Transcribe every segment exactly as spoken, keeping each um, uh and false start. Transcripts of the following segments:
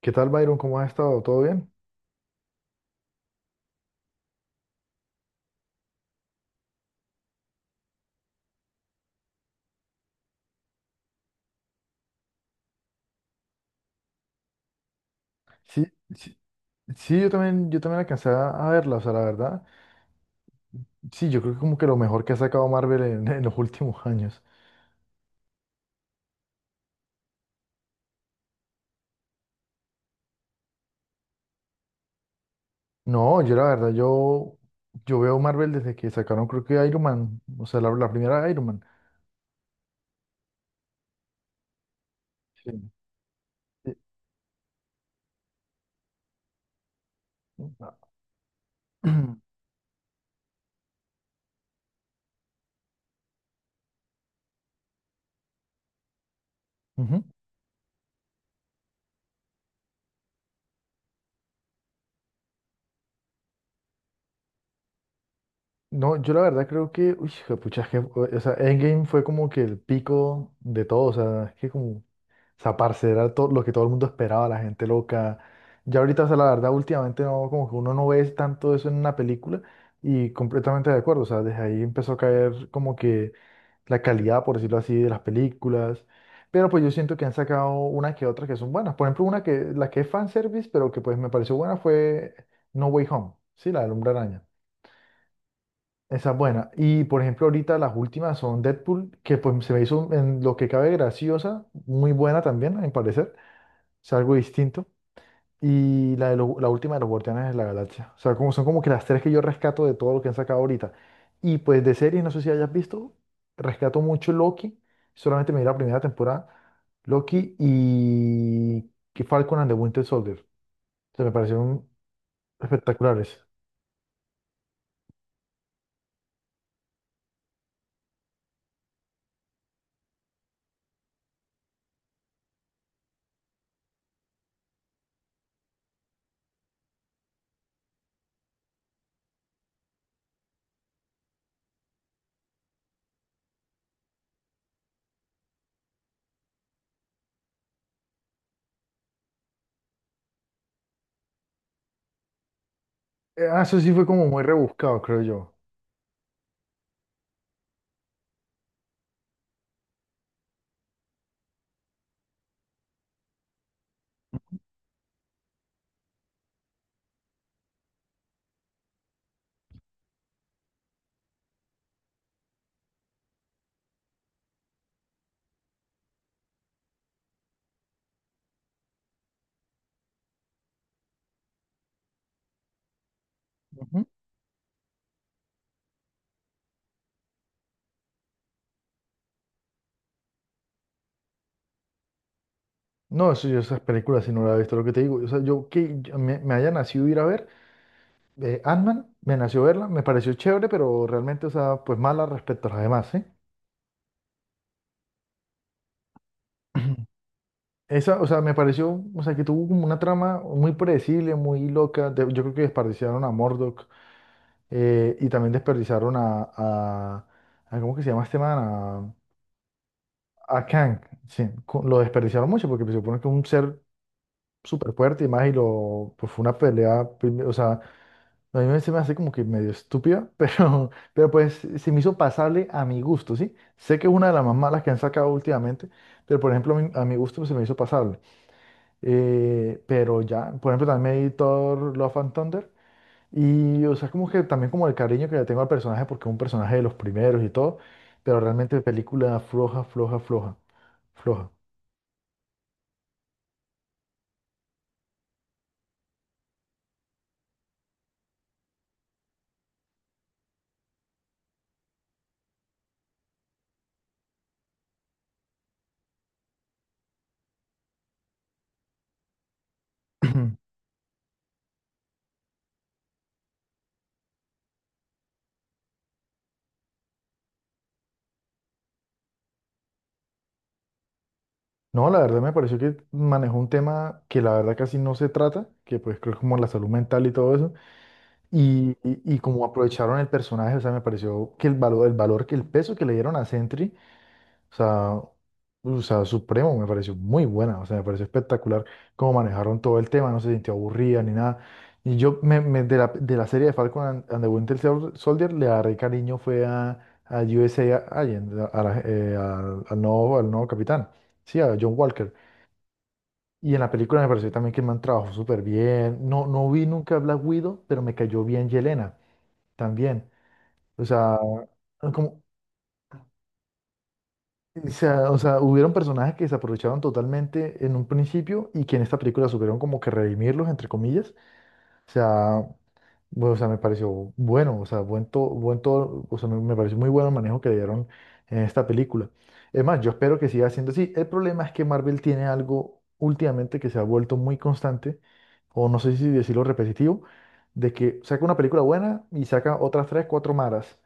¿Qué tal, Byron? ¿Cómo has estado? ¿Todo bien? Sí, sí, sí, yo también, yo también alcancé a a verla, o sea, la verdad. Sí, yo creo que como que lo mejor que ha sacado Marvel en, en los últimos años. No, yo la verdad, yo, yo veo Marvel desde que sacaron, creo que Iron Man, o sea, la, la primera Iron Man. Sí. Sí. Ujú. No, yo la verdad creo que, uy, pucha, es que, o sea, Endgame fue como que el pico de todo, o sea, es que como, o sea, parce, era todo lo que todo el mundo esperaba, la gente loca. Ya ahorita, o sea, la verdad, últimamente no, como que uno no ve tanto eso en una película y completamente de acuerdo. O sea, desde ahí empezó a caer como que la calidad, por decirlo así, de las películas. Pero pues yo siento que han sacado una que otra que son buenas. Por ejemplo, una que, la que es fanservice, pero que pues me pareció buena fue No Way Home, sí, la del Hombre Araña. Esa es buena. Y, por ejemplo, ahorita las últimas son Deadpool, que pues se me hizo en lo que cabe graciosa, muy buena también, a mi parecer. O sea, algo distinto. Y la, de lo- la última de los Guardianes de la Galaxia. O sea, como, son como que las tres que yo rescato de todo lo que han sacado ahorita. Y pues de series, no sé si hayas visto, rescato mucho Loki. Solamente me vi la primera temporada. Loki y que Falcon and the Winter Soldier. O sea, me parecieron espectaculares. Eh, Ah, eso sí fue como muy rebuscado, creo yo. Ujú. No, eso yo esas películas si no las he visto, lo que te digo. O sea, yo que yo- me, me haya nacido ir a ver. eh, Ant-Man, me nació verla, me pareció chévere, pero realmente, o sea, pues mala respecto a las demás, ¿sí? Esa, o sea, me pareció, o sea, que tuvo como una trama muy predecible, muy loca. De- yo creo que desperdiciaron a Murdoch eh, y también desperdiciaron a, a, a- ¿cómo que se llama este man? A, a Kang, sí. co- Lo desperdiciaron mucho porque se supone que es un ser súper fuerte y más y lo, pues fue una pelea, prim- o sea, a mí me- se me hace como que medio estúpida, pero, pero pues se me hizo pasable a mi gusto, ¿sí? Sé que es una de las más malas que han sacado últimamente, pero por ejemplo a mi, a mi gusto se me hizo pasable. Eh, pero ya, por ejemplo también me vi Thor Love and Thunder y o sea como que también como el cariño que le tengo al personaje porque es un personaje de los primeros y todo, pero realmente película floja, floja, floja, floja. No, la verdad me pareció que manejó un tema que la verdad casi no se trata, que pues creo que como la salud mental y todo eso. Y, y, y como aprovecharon el personaje, o sea, me pareció que el valor, el valor, que el peso que le dieron a Sentry, o sea, o sea, supremo, me pareció muy buena, o sea, me pareció espectacular cómo manejaron todo el tema, no se sintió aburrida ni nada. Y yo, me, me- de la, de la serie de Falcon and, and the Winter Sol- Soldier, le agarré cariño fue a, a U S A Agent, a, a la- eh, al al nuevo, al nuevo capitán, sí, a John Walker. Y en la película me pareció también que el man trabajó súper bien. No, no vi nunca Black Widow, pero me cayó bien Yelena también. O sea, ah, como, o sea, o sea, hubieron personajes que se aprovecharon totalmente en un principio y que en esta película supieron como que redimirlos, entre comillas. O sea, bueno, o sea, me pareció bueno, o sea, buen to- buen todo, o sea, me, me pareció muy bueno el manejo que le dieron en esta película. Es más, yo espero que siga siendo así. El problema es que Marvel tiene algo últimamente que se ha vuelto muy constante, o no sé si decirlo repetitivo, de que saca una película buena y saca otras tres, cuatro malas,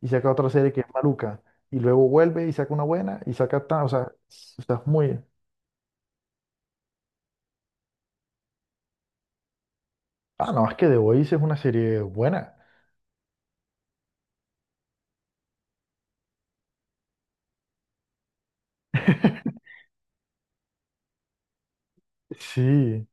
y saca otra serie que es maluca, y luego vuelve y saca una buena y saca tal, o sea, está muy... Ah, no, es que The Voice es una serie buena. Sí,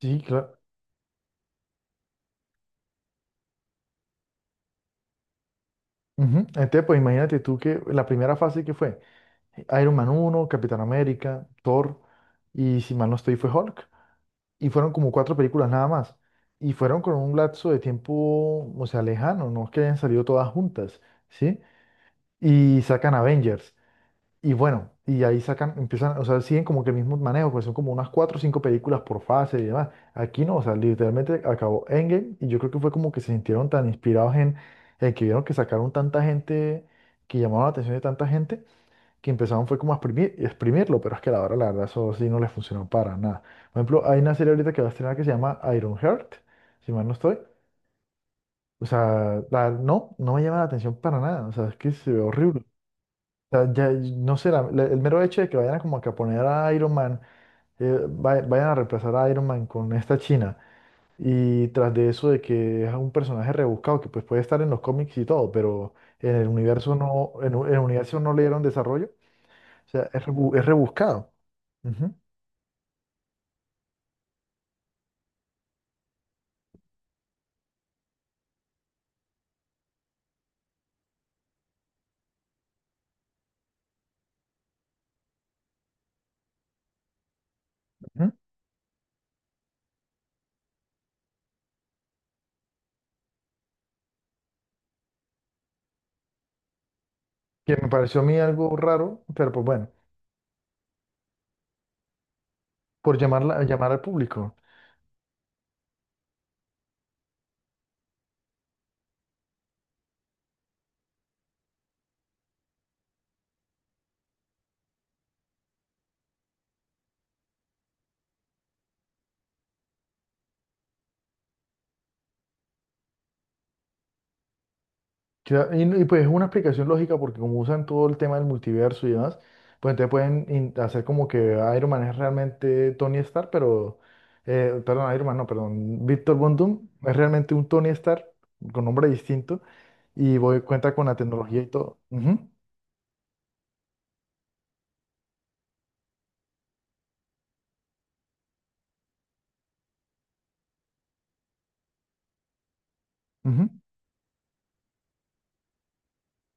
sí, claro. Ujú. Entonces, pues imagínate tú que la primera fase que fue Iron Man uno, Capitán América, Thor y si mal no estoy fue Hulk. Y fueron como cuatro películas nada más. Y fueron con un lapso de tiempo, o sea, lejano, no es que hayan salido todas juntas, ¿sí? Y sacan Avengers. Y bueno, y ahí sacan, empiezan, o sea, siguen como que el mismo manejo, pues son como unas cuatro o cinco películas por fase y demás. Aquí no, o sea, literalmente acabó Endgame y yo creo que fue como que se sintieron tan inspirados en, en que vieron que sacaron tanta gente, que llamaron la atención de tanta gente, que empezaron fue como a exprimir, exprimirlo, pero es que a la hora, la verdad, eso sí no les funcionó para nada. Por ejemplo, hay una serie ahorita que va a estrenar que se llama Ironheart si mal no estoy. O sea, la- no, no me llama la atención para nada, o sea, es que se ve horrible sea, ya, no sé, la- la- el mero hecho de que vayan a como que a poner a Iron Man, eh, va- vayan a reemplazar a Iron Man con esta China, y tras de eso de que es un personaje rebuscado que pues puede estar en los cómics y todo, pero en el universo no, en, u- en el universo no le dieron desarrollo, o sea, es, rebu- es rebuscado. Ujú, ujú. Que me pareció a mí algo raro, pero pues bueno, por llamarla, llamar al público. Cla- Y, y pues es una explicación lógica porque como usan todo el tema del multiverso y demás, pues entonces pueden in- hacer como que Iron Man es realmente Tony Stark, pero, eh, perdón, Iron Man, no, perdón, Víctor Von Doom es realmente un Tony Stark con nombre distinto y voy, cuenta con la tecnología y todo. Ujú, ujú.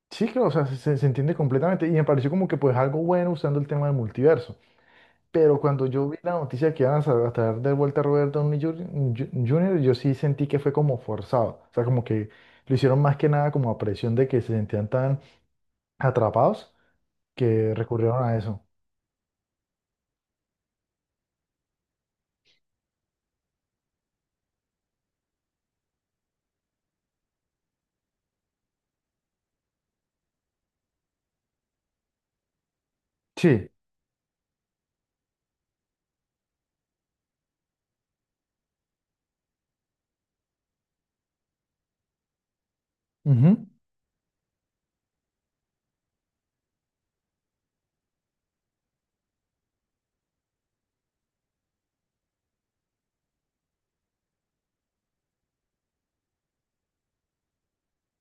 Sí, claro, o sea, se, se entiende completamente y me pareció como que pues algo bueno usando el tema del multiverso. Pero cuando yo vi la noticia que iban a sa- a traer de vuelta a Robert Downey Junior Ju- junior, yo sí sentí que fue como forzado. O sea, como que lo hicieron más que nada como a presión de que se sentían tan atrapados que recurrieron a eso. Sí. Ujú,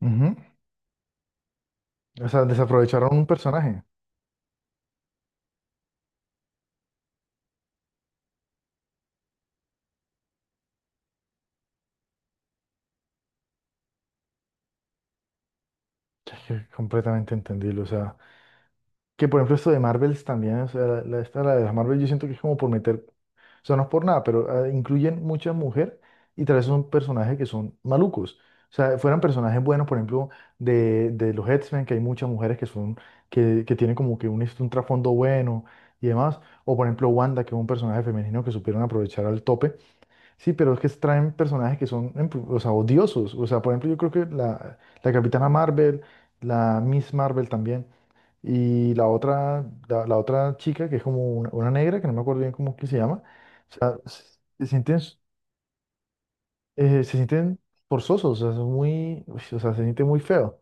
ujú. O sea, desaprovecharon un personaje. Es que completamente entendible. O sea, que por ejemplo esto de Marvels también, o sea, la, la- esta, la de las Marvel, yo siento que es como por meter. O sea, no es por nada, pero eh, incluyen muchas mujeres y tal vez son personajes que son malucos. O sea, fueran personajes buenos, por ejemplo, de, de los X-Men, que hay muchas mujeres que son, que, que tienen como que un, hist- un trasfondo bueno y demás. O por ejemplo, Wanda, que es un personaje femenino que supieron aprovechar al tope. Sí, pero es que traen personajes que son, em, o sea, odiosos. O sea, por ejemplo, yo creo que la, la Capitana Marvel, la Miss Marvel también. Y la otra, la, la otra chica, que es como una, una negra, que no me acuerdo bien cómo es que se llama, o sea, se, se sienten, eh, se sienten forzosos, o sea, son muy, uy, o sea, se siente muy feo,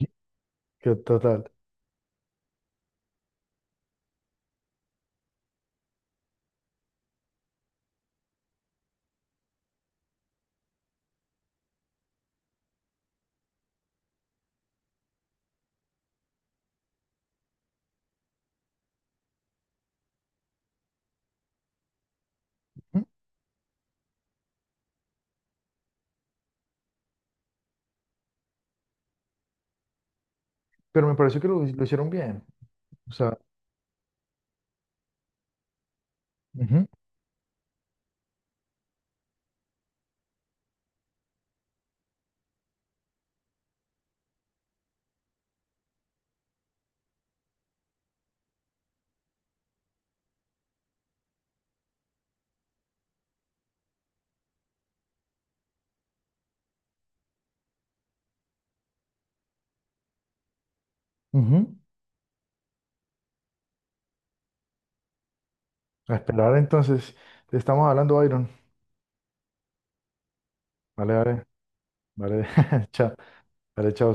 ujú. Que total. Ujú. Pero me pareció que lo, lo hicieron bien, o sea, ujú, ujú. A esperar entonces, te estamos hablando, Byron. Vale, vale, vale, chao, vale, chao.